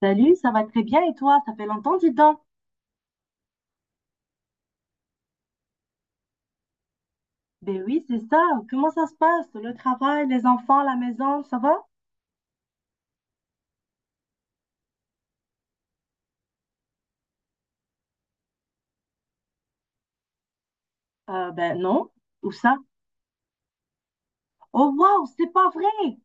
Salut, ça va très bien et toi? Ça fait longtemps, dis donc. Ben oui, c'est ça. Comment ça se passe? Le travail, les enfants, la maison, ça va? Ben non. Où ça? Oh waouh, c'est pas vrai!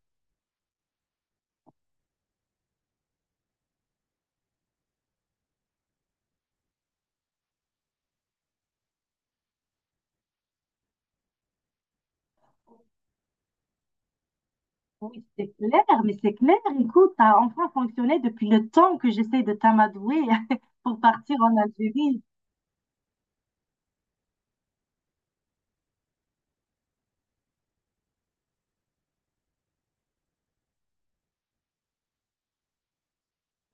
Oui, c'est clair, mais c'est clair. Écoute, t'as enfin fonctionné depuis le temps que j'essaie de t'amadouer pour partir en Algérie.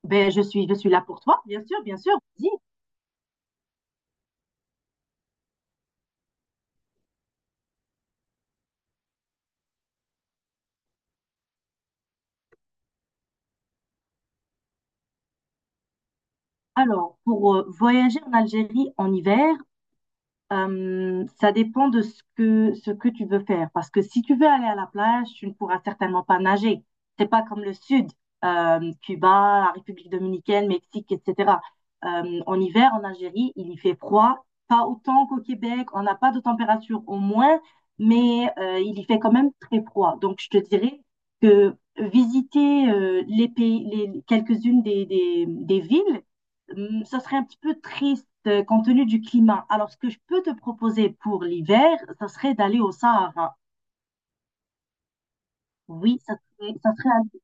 Ben je suis là pour toi, bien sûr, bien sûr. Dis, alors, pour voyager en Algérie en hiver, ça dépend de ce que tu veux faire. Parce que si tu veux aller à la plage, tu ne pourras certainement pas nager. C'est pas comme le sud, Cuba, la République dominicaine, Mexique, etc. En hiver, en Algérie, il y fait froid, pas autant qu'au Québec, on n'a pas de température au moins, mais il y fait quand même très froid. Donc, je te dirais que visiter les pays, quelques-unes des villes, ça serait un petit peu triste compte tenu du climat. Alors, ce que je peux te proposer pour l'hiver, ça serait d'aller au Sahara. Oui, ça serait.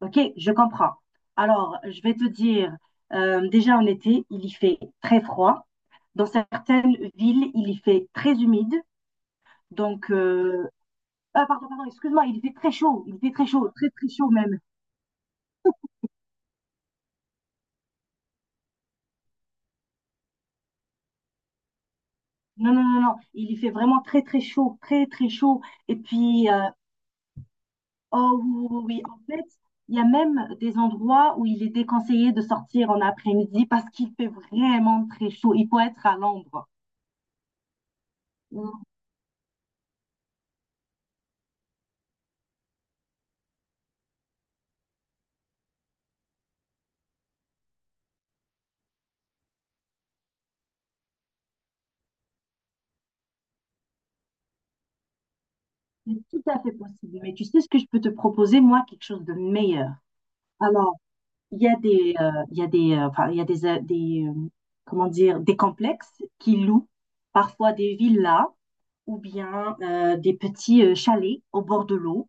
Ok, je comprends. Alors, je vais te dire, déjà en été, il y fait très froid. Dans certaines villes, il y fait très humide. Donc, ah, pardon, pardon, excuse-moi, il y fait très chaud. Il fait très chaud, très, très chaud même. Non, non, non, non. Il y fait vraiment très, très chaud, très, très chaud. Et puis, oh oui, oui, oui, oui. En fait, il y a même des endroits où il est déconseillé de sortir en après-midi parce qu'il fait vraiment très chaud. Il faut être à l'ombre. Mm. C'est tout à fait possible. Mais tu sais ce que je peux te proposer, moi, quelque chose de meilleur. Alors, il y a des, enfin, il y a des, comment dire, des complexes qui louent parfois des villas ou bien des petits chalets au bord de l'eau.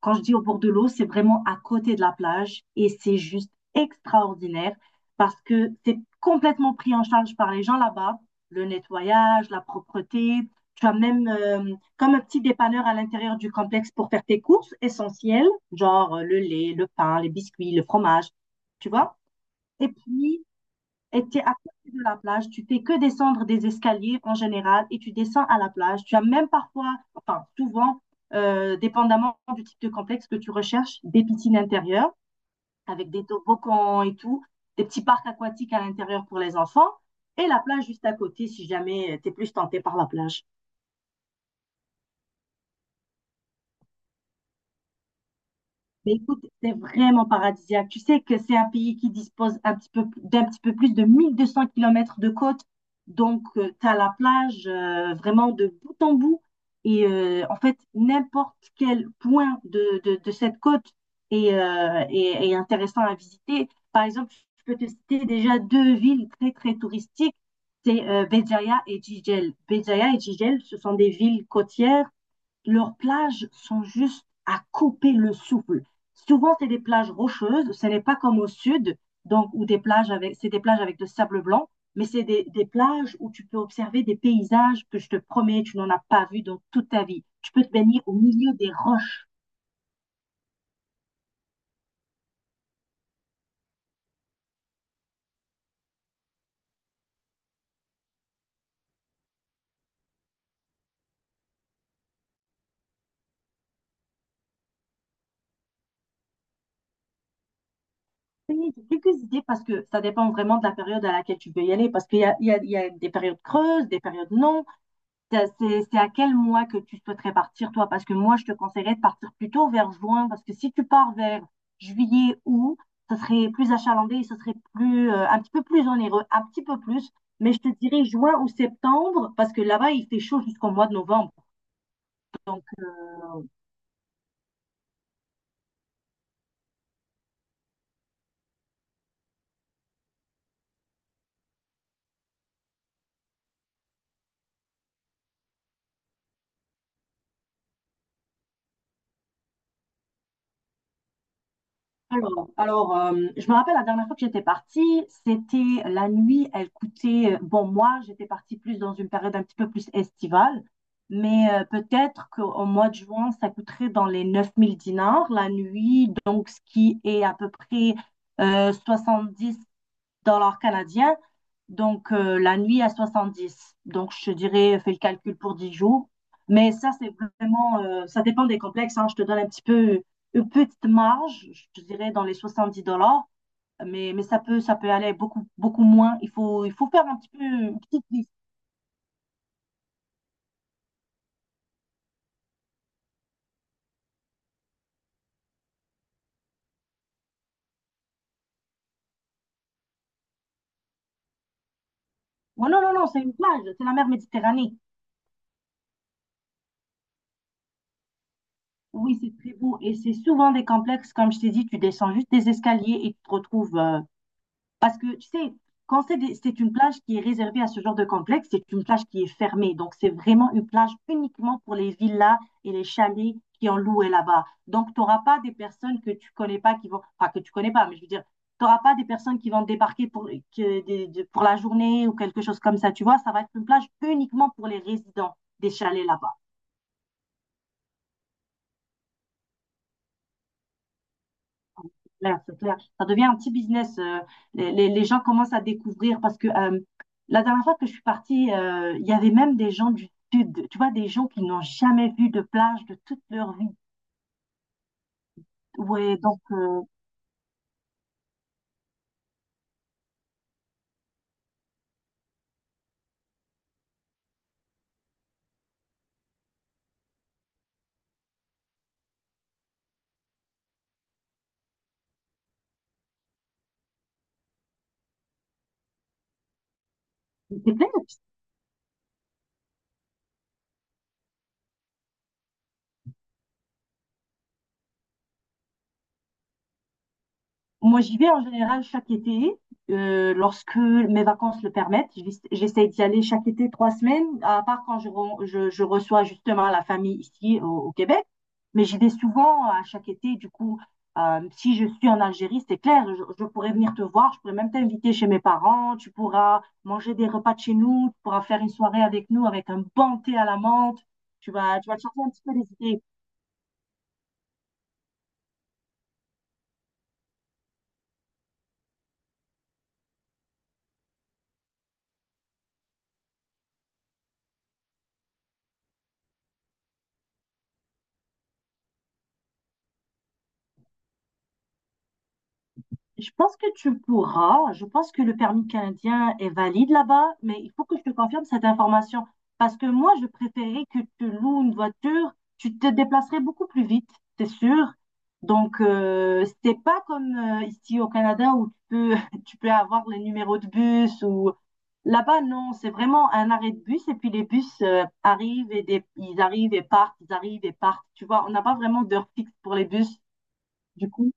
Quand je dis au bord de l'eau, c'est vraiment à côté de la plage et c'est juste extraordinaire parce que c'est complètement pris en charge par les gens là-bas, le nettoyage, la propreté. Tu as même comme un petit dépanneur à l'intérieur du complexe pour faire tes courses essentielles, genre le lait, le pain, les biscuits, le fromage, tu vois. Et puis, tu es à côté de la plage, tu fais que descendre des escaliers en général et tu descends à la plage. Tu as même parfois, enfin souvent, dépendamment du type de complexe que tu recherches, des piscines intérieures avec des toboggans et tout, des petits parcs aquatiques à l'intérieur pour les enfants et la plage juste à côté si jamais tu es plus tenté par la plage. Mais écoute, c'est vraiment paradisiaque. Tu sais que c'est un pays qui dispose d'un petit peu plus de 1 200 km de côte. Donc, tu as la plage vraiment de bout en bout. Et en fait, n'importe quel point de cette côte est intéressant à visiter. Par exemple, je peux te citer déjà deux villes très, très touristiques. C'est Béjaïa et Jijel. Béjaïa et Jijel, ce sont des villes côtières. Leurs plages sont juste à couper le souffle. Souvent, c'est des plages rocheuses. Ce n'est pas comme au sud, donc où c'est des plages avec de sable blanc, mais c'est des plages où tu peux observer des paysages que je te promets, tu n'en as pas vu dans toute ta vie. Tu peux te baigner au milieu des roches. J'ai quelques idées parce que ça dépend vraiment de la période à laquelle tu veux y aller, parce qu'il y a, il y a- il y a des périodes creuses, des périodes non, c'est à quel mois que tu souhaiterais partir, toi? Parce que moi, je te conseillerais de partir plutôt vers juin, parce que si tu pars vers juillet, août, ça serait plus achalandé, ça serait plus, un petit peu plus onéreux, un petit peu plus. Mais je te dirais juin ou septembre, parce que là-bas, il fait chaud jusqu'au mois de novembre. Donc, alors, je me rappelle la dernière fois que j'étais partie, c'était la nuit, elle coûtait, bon, moi, j'étais partie plus dans une période un petit peu plus estivale, mais peut-être qu'au mois de juin, ça coûterait dans les 9 000 dinars la nuit, donc ce qui est à peu près 70-80 $ canadiens. Donc, la nuit à 70. Donc, je te dirais, fais le calcul pour 10 jours. Mais ça, c'est vraiment, ça dépend des complexes, hein. Je te donne un petit peu une petite marge, je te dirais dans les 70 dollars. Mais, ça peut aller beaucoup, beaucoup moins. Il faut faire un petit peu une petite liste. Ouais, non, non, non, c'est une plage, c'est la mer Méditerranée. Oui, c'est très beau. Et c'est souvent des complexes, comme je t'ai dit, tu descends juste des escaliers et tu te retrouves. Parce que, tu sais, quand c'est c'est une plage qui est réservée à ce genre de complexe, c'est une plage qui est fermée. Donc, c'est vraiment une plage uniquement pour les villas et les chalets qui ont loué là-bas. Donc, tu n'auras pas des personnes que tu connais pas qui vont, enfin, que tu connais pas, mais je veux dire, tu n'auras pas des personnes qui vont débarquer pour la journée ou quelque chose comme ça. Tu vois, ça va être une plage uniquement pour les résidents des chalets là-bas. Clair, c'est clair. Ça devient un petit business. Les gens commencent à découvrir parce que la dernière fois que je suis partie, il y avait même des gens du sud, tu vois, des gens qui n'ont jamais vu de plage de toute leur vie. Ouais, donc c'est clair. Moi, j'y vais en général chaque été, lorsque mes vacances le permettent. J'essaie d'y aller chaque été 3 semaines, à part quand je reçois justement la famille ici au Québec. Mais j'y vais souvent à chaque été. Du coup, si je suis en Algérie, c'est clair, je pourrais venir te voir, je pourrais même t'inviter chez mes parents, tu pourras manger des repas de chez nous, tu pourras faire une soirée avec nous avec un bon thé à la menthe. Tu vas te changer un petit peu les idées. Je pense que tu pourras. Je pense que le permis canadien est valide là-bas, mais il faut que je te confirme cette information. Parce que moi, je préférais que tu loues une voiture, tu te déplacerais beaucoup plus vite, c'est sûr. Donc, c'est pas comme ici au Canada où tu peux, tu peux avoir les numéros de bus ou là-bas, non, c'est vraiment un arrêt de bus et puis les bus arrivent ils arrivent et partent, ils arrivent et partent. Tu vois, on n'a pas vraiment d'heure fixe pour les bus, du coup.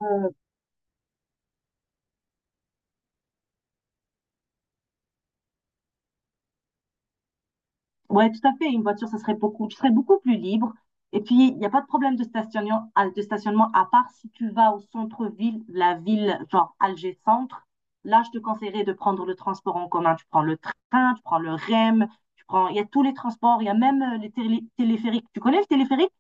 Ouais, tout à fait. Une voiture, ça serait beaucoup, tu serais beaucoup plus libre. Et puis, il n'y a pas de problème de stationnement, à part si tu vas au centre-ville, la ville, genre Alger Centre. Là, je te conseillerais de prendre le transport en commun. Tu prends le train, tu prends le REM, il y a tous les transports, il y a même les téléphériques. Tu connais le téléphérique?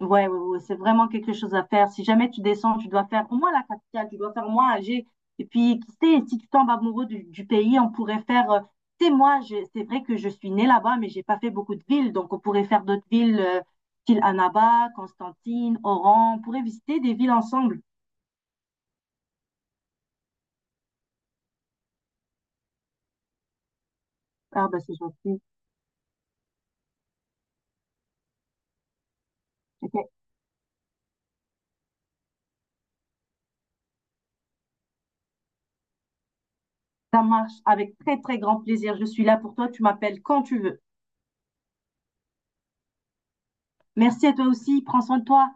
Ouais, ouais, ouais, c'est vraiment quelque chose à faire. Si jamais tu descends, tu dois faire au moins la capitale, tu dois faire au moins Alger. Et puis, qui sait, si tu tombes amoureux du pays, on pourrait faire. Tu sais, moi, c'est vrai que je suis née là-bas, mais j'ai pas fait beaucoup de villes. Donc, on pourrait faire d'autres villes, style Annaba, Constantine, Oran. On pourrait visiter des villes ensemble. Ah, bah, c'est gentil. Ok, ça marche avec très, très grand plaisir. Je suis là pour toi. Tu m'appelles quand tu veux. Merci à toi aussi. Prends soin de toi.